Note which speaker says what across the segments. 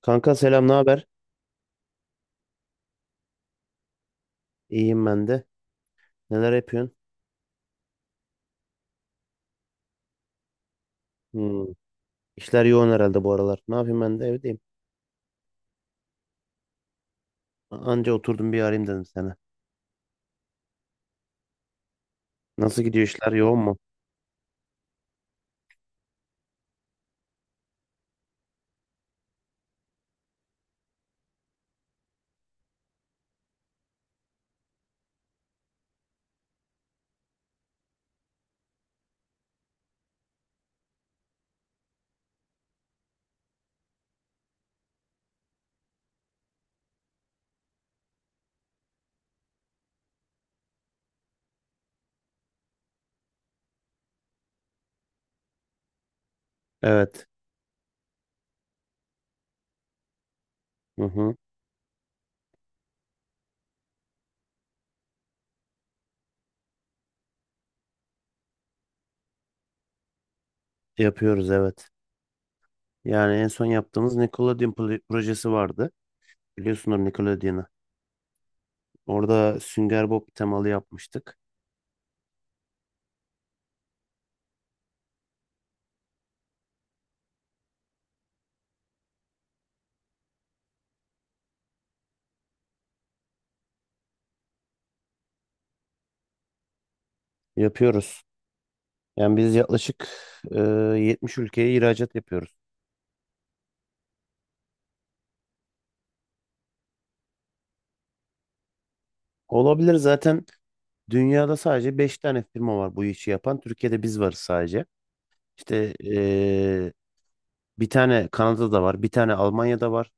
Speaker 1: Kanka selam, ne haber? İyiyim ben de. Neler yapıyorsun? Hmm. İşler yoğun herhalde bu aralar. Ne yapayım ben de evdeyim. Anca oturdum bir arayayım dedim sana. Nasıl gidiyor işler yoğun mu? Evet. Hı hı. Yapıyoruz evet. Yani en son yaptığımız Nickelodeon projesi vardı. Biliyorsunuz Nickelodeon'u. Orada Sünger Bob temalı yapmıştık. Yapıyoruz. Yani biz yaklaşık e, 70 ülkeye ihracat yapıyoruz. Olabilir zaten dünyada sadece 5 tane firma var bu işi yapan. Türkiye'de biz varız sadece. İşte bir tane Kanada'da var, bir tane Almanya'da var.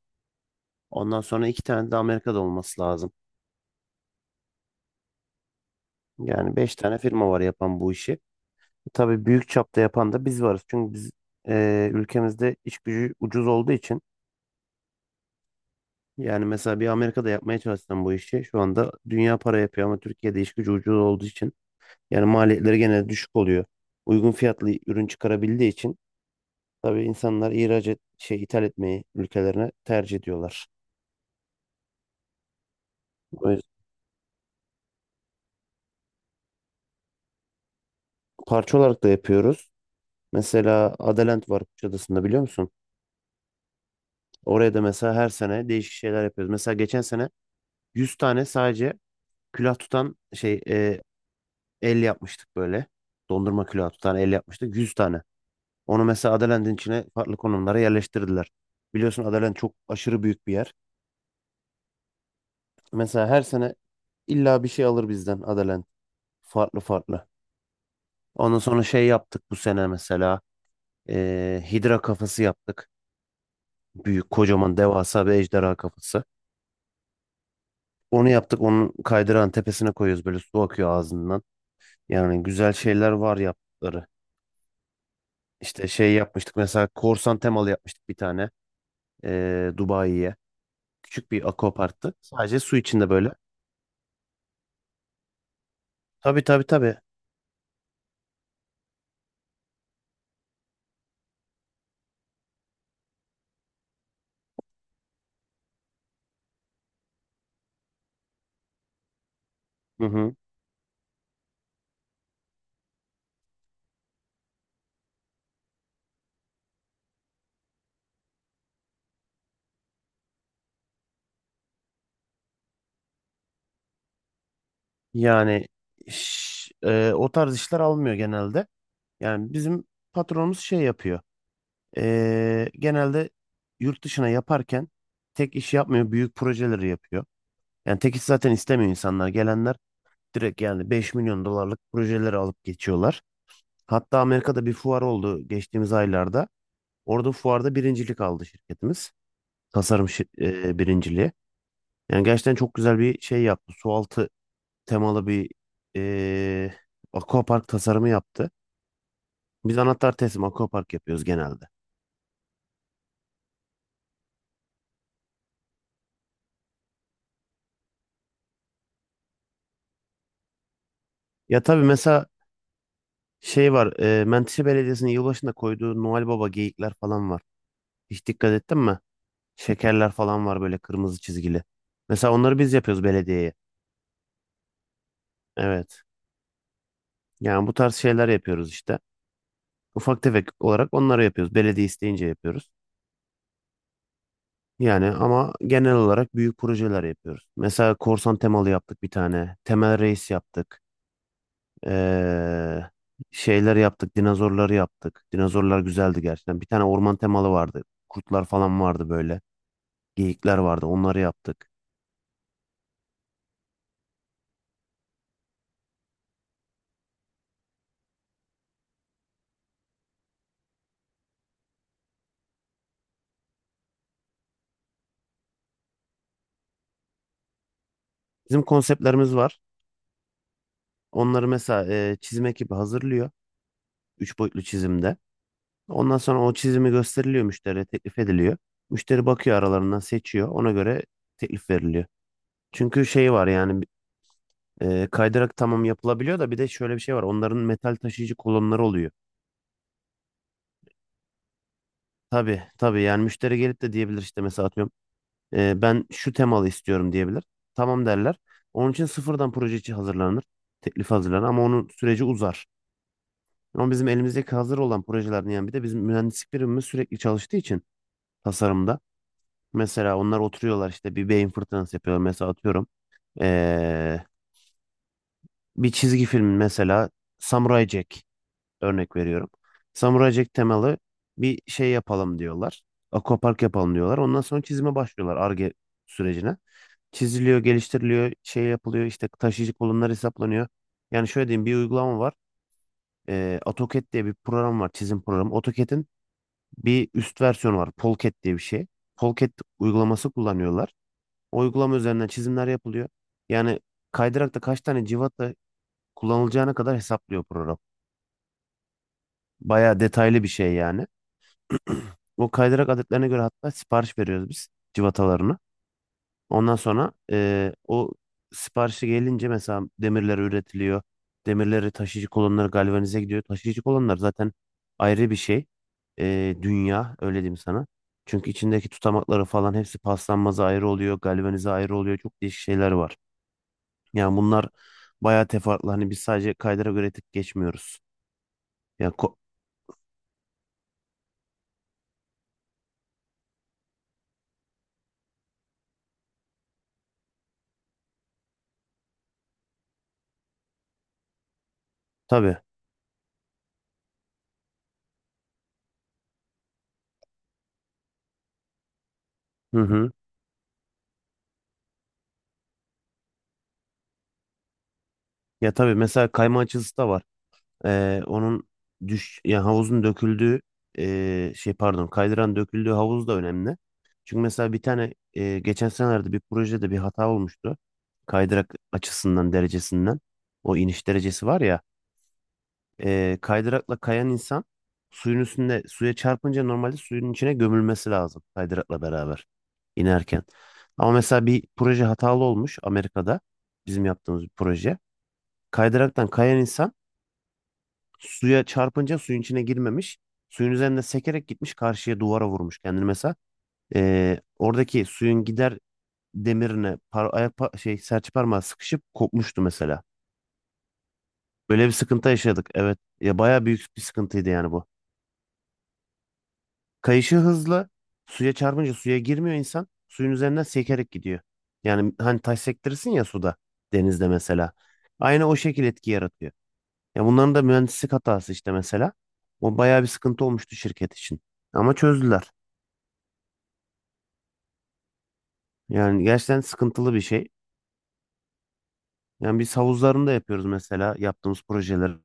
Speaker 1: Ondan sonra iki tane de Amerika'da olması lazım. Yani beş tane firma var yapan bu işi. Tabii büyük çapta yapan da biz varız. Çünkü biz ülkemizde iş gücü ucuz olduğu için yani mesela bir Amerika'da yapmaya çalışsam bu işi şu anda dünya para yapıyor ama Türkiye'de iş gücü ucuz olduğu için yani maliyetleri genelde düşük oluyor. Uygun fiyatlı ürün çıkarabildiği için tabii insanlar şey ithal etmeyi ülkelerine tercih ediyorlar. Parça olarak da yapıyoruz. Mesela Adalent var Kuşadası'nda biliyor musun? Oraya da mesela her sene değişik şeyler yapıyoruz. Mesela geçen sene 100 tane sadece külah tutan şey el yapmıştık böyle. Dondurma külahı tutan el yapmıştık 100 tane. Onu mesela Adalent'in içine farklı konumlara yerleştirdiler. Biliyorsun Adalent çok aşırı büyük bir yer. Mesela her sene illa bir şey alır bizden Adalent. Farklı farklı. Ondan sonra şey yaptık bu sene mesela. Hidra kafası yaptık. Büyük, kocaman, devasa bir ejderha kafası. Onu yaptık. Onun kaydırağın tepesine koyuyoruz. Böyle su akıyor ağzından. Yani güzel şeyler var yaptıkları. İşte şey yapmıştık. Mesela korsan temalı yapmıştık bir tane. Dubai'ye. Küçük bir aquaparktı. Sadece su içinde böyle. Tabii tabii tabii. Hı hı. Yani o tarz işler almıyor genelde. Yani bizim patronumuz şey yapıyor. Genelde yurt dışına yaparken tek iş yapmıyor. Büyük projeleri yapıyor. Yani tek iş zaten istemiyor insanlar. Gelenler direkt yani 5 milyon dolarlık projeleri alıp geçiyorlar. Hatta Amerika'da bir fuar oldu geçtiğimiz aylarda. Orada fuarda birincilik aldı şirketimiz. Tasarım birinciliği. Yani gerçekten çok güzel bir şey yaptı. Sualtı temalı bir e, aquapark tasarımı yaptı. Biz anahtar teslim aquapark yapıyoruz genelde. Ya tabii mesela şey var. Menteşe Belediyesi'nin yılbaşında koyduğu Noel Baba geyikler falan var. Hiç dikkat ettin mi? Şekerler falan var böyle kırmızı çizgili. Mesela onları biz yapıyoruz belediyeye. Evet. Yani bu tarz şeyler yapıyoruz işte. Ufak tefek olarak onları yapıyoruz. Belediye isteyince yapıyoruz. Yani ama genel olarak büyük projeler yapıyoruz. Mesela korsan temalı yaptık bir tane. Temel reis yaptık. Ee, Şeyler yaptık. Dinozorları yaptık. Dinozorlar güzeldi gerçekten. Bir tane orman temalı vardı. Kurtlar falan vardı böyle. Geyikler vardı. Onları yaptık. Bizim konseptlerimiz var. Onları mesela çizim ekibi hazırlıyor. Üç boyutlu çizimde. Ondan sonra o çizimi gösteriliyor müşteriye teklif ediliyor. Müşteri bakıyor aralarından seçiyor. Ona göre teklif veriliyor. Çünkü şey var yani kaydırak tamam yapılabiliyor da bir de şöyle bir şey var. Onların metal taşıyıcı kolonları oluyor. Tabii tabii yani müşteri gelip de diyebilir işte mesela atıyorum ben şu temalı istiyorum diyebilir. Tamam derler. Onun için sıfırdan proje için hazırlanır. Teklif hazırlanır ama onun süreci uzar. Ama bizim elimizdeki hazır olan projelerden yani bir de bizim mühendislik birimimiz sürekli çalıştığı için tasarımda. Mesela onlar oturuyorlar işte bir beyin fırtınası yapıyorlar. Mesela atıyorum ee, bir çizgi film mesela Samurai Jack örnek veriyorum. Samurai Jack temalı bir şey yapalım diyorlar. Aquapark yapalım diyorlar. Ondan sonra çizime başlıyorlar Ar-Ge sürecine. Çiziliyor, geliştiriliyor, şey yapılıyor işte taşıyıcı kolonlar hesaplanıyor. Yani şöyle diyeyim bir uygulama var. AutoCAD diye bir program var çizim programı. AutoCAD'in bir üst versiyonu var. Polcat diye bir şey. Polcat uygulaması kullanıyorlar. Uygulama üzerinden çizimler yapılıyor. Yani kaydırakta kaç tane cıvata kullanılacağına kadar hesaplıyor program. Bayağı detaylı bir şey yani. O kaydırak adetlerine göre hatta sipariş veriyoruz biz cıvatalarını. Ondan sonra o siparişi gelince mesela demirler üretiliyor. Demirleri taşıyıcı kolonları galvanize gidiyor. Taşıyıcı kolonlar zaten ayrı bir şey. Dünya öyle diyeyim sana. Çünkü içindeki tutamakları falan hepsi paslanmaza ayrı oluyor. Galvanize ayrı oluyor. Çok değişik şeyler var. Yani bunlar bayağı teferruatlı. Hani biz sadece kaydıra göre tık geçmiyoruz. Ya ko- tabii. Hı hı. Ya tabii mesela kayma açısı da var. Onun düş ya havuzun döküldüğü şey pardon kaydıran döküldüğü havuz da önemli. Çünkü mesela bir tane geçen senelerde bir projede bir hata olmuştu. Kaydırak açısından derecesinden o iniş derecesi var ya. Kaydırakla kayan insan suyun üstünde suya çarpınca normalde suyun içine gömülmesi lazım kaydırakla beraber inerken. Ama mesela bir proje hatalı olmuş Amerika'da bizim yaptığımız bir proje. Kaydıraktan kayan insan suya çarpınca suyun içine girmemiş. Suyun üzerinde sekerek gitmiş karşıya duvara vurmuş kendini mesela. Oradaki suyun gider demirine şey serçe parmağı sıkışıp kopmuştu mesela. Böyle bir sıkıntı yaşadık. Evet. Ya bayağı büyük bir sıkıntıydı yani bu. Kayışı hızlı. Suya çarpınca suya girmiyor insan. Suyun üzerinden sekerek gidiyor. Yani hani taş sektirirsin ya suda. Denizde mesela. Aynı o şekil etki yaratıyor. Ya bunların da mühendislik hatası işte mesela. O bayağı bir sıkıntı olmuştu şirket için. Ama çözdüler. Yani gerçekten sıkıntılı bir şey. Yani biz havuzlarını da yapıyoruz mesela yaptığımız projelerin.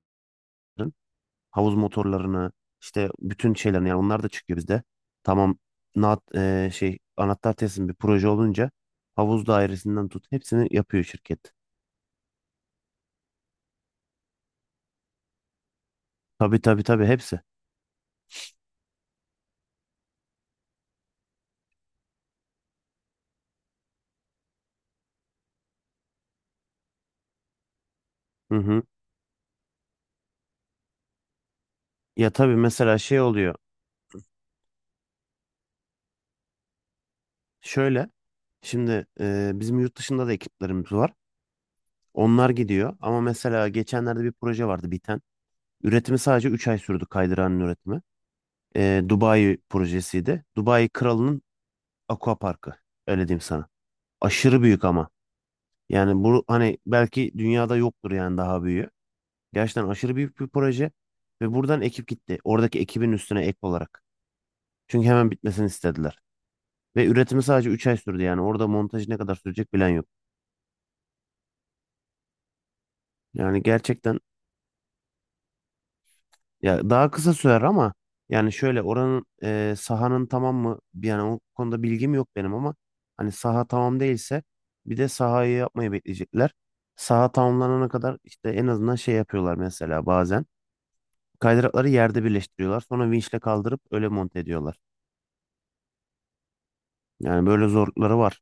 Speaker 1: Havuz motorlarını işte bütün şeylerini yani onlar da çıkıyor bizde. Tamam şey anahtar teslim bir proje olunca havuz dairesinden tut hepsini yapıyor şirket. Tabii tabii tabii hepsi. Hı hı. Ya tabii mesela şey oluyor. Şöyle şimdi bizim yurt dışında da ekiplerimiz var. Onlar gidiyor ama mesela geçenlerde bir proje vardı biten. Üretimi sadece 3 ay sürdü kaydıranın üretimi. Dubai projesiydi. Dubai Kralı'nın Aqua Parkı. Öyle diyeyim sana. Aşırı büyük ama. Yani bu hani belki dünyada yoktur yani daha büyüğü. Gerçekten aşırı büyük bir proje ve buradan ekip gitti. Oradaki ekibin üstüne ek olarak. Çünkü hemen bitmesini istediler. Ve üretimi sadece 3 ay sürdü yani. Orada montajı ne kadar sürecek bilen yok. Yani gerçekten ya daha kısa sürer ama yani şöyle oranın sahanın tamam mı? Yani o konuda bilgim yok benim ama hani saha tamam değilse bir de sahayı yapmayı bekleyecekler. Saha tamamlanana kadar işte en azından şey yapıyorlar mesela bazen. Kaydırakları yerde birleştiriyorlar. Sonra vinçle kaldırıp öyle monte ediyorlar. Yani böyle zorlukları var.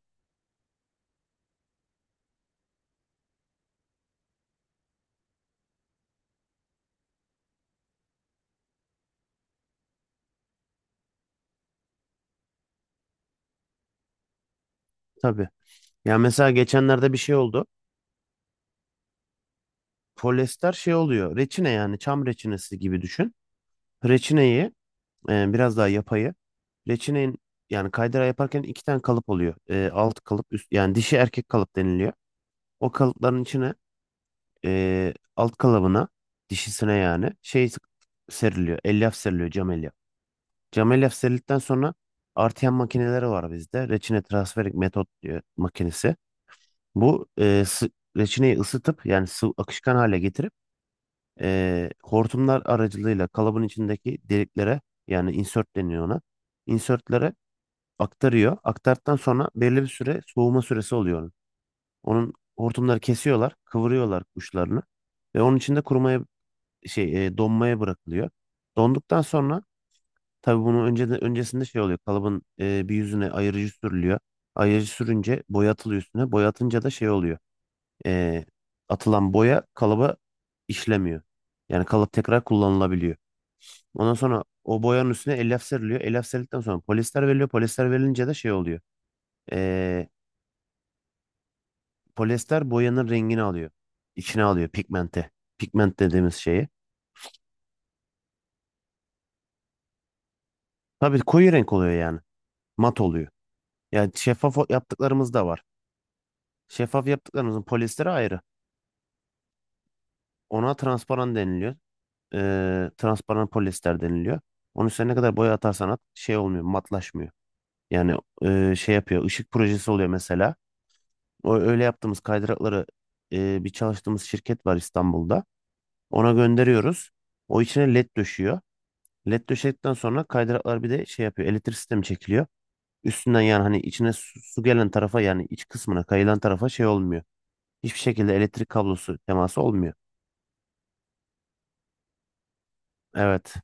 Speaker 1: Tabii. Yani mesela geçenlerde bir şey oldu. Polyester şey oluyor. Reçine yani çam reçinesi gibi düşün. Reçineyi biraz daha yapayı. Reçinenin yani kaydıra yaparken iki tane kalıp oluyor. Alt kalıp üst yani dişi erkek kalıp deniliyor. O kalıpların içine alt kalıbına dişisine yani şey seriliyor. Elyaf seriliyor cam elyaf. Camel efserildikten sonra artıyan makineleri var bizde. Reçine transferik metot diye makinesi. Bu reçineyi ısıtıp yani sıvı akışkan hale getirip hortumlar aracılığıyla kalıbın içindeki deliklere yani insert deniyor ona. Insertlere aktarıyor. Aktardıktan sonra belli bir süre soğuma süresi oluyor. Onun hortumları kesiyorlar, kıvırıyorlar uçlarını ve onun içinde kurumaya şey donmaya bırakılıyor. Donduktan sonra tabii bunu önce de, öncesinde şey oluyor. Kalıbın bir yüzüne ayırıcı sürülüyor. Ayırıcı sürünce boya atılıyor üstüne. Boya atınca da şey oluyor. E, Atılan boya kalıba işlemiyor. Yani kalıp tekrar kullanılabiliyor. Ondan sonra o boyanın üstüne elyaf seriliyor. Elyaf serildikten sonra polyester veriliyor. Polyester verilince de şey oluyor. E, Polyester boyanın rengini alıyor. İçine alıyor pigmente. Pigment dediğimiz şeyi. Tabii koyu renk oluyor yani. Mat oluyor. Yani şeffaf yaptıklarımız da var. Şeffaf yaptıklarımızın polyesteri ayrı. Ona transparan deniliyor. Transparan polyester deniliyor. Onun üstüne ne kadar boya atarsan at şey olmuyor, matlaşmıyor. Yani şey yapıyor, ışık projesi oluyor mesela. O öyle yaptığımız kaydırakları bir çalıştığımız şirket var İstanbul'da. Ona gönderiyoruz. O içine led döşüyor. Led döşedikten sonra kaydıraklar bir de şey yapıyor, elektrik sistemi çekiliyor. Üstünden yani hani içine su gelen tarafa yani iç kısmına kayılan tarafa şey olmuyor. Hiçbir şekilde elektrik kablosu teması olmuyor. Evet.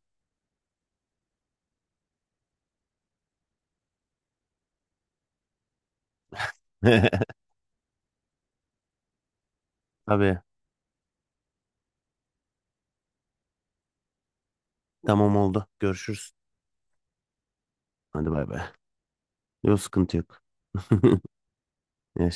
Speaker 1: Tabii. Tamam oldu. Görüşürüz. Hadi bay bay. Yok sıkıntı yok. Yaşa.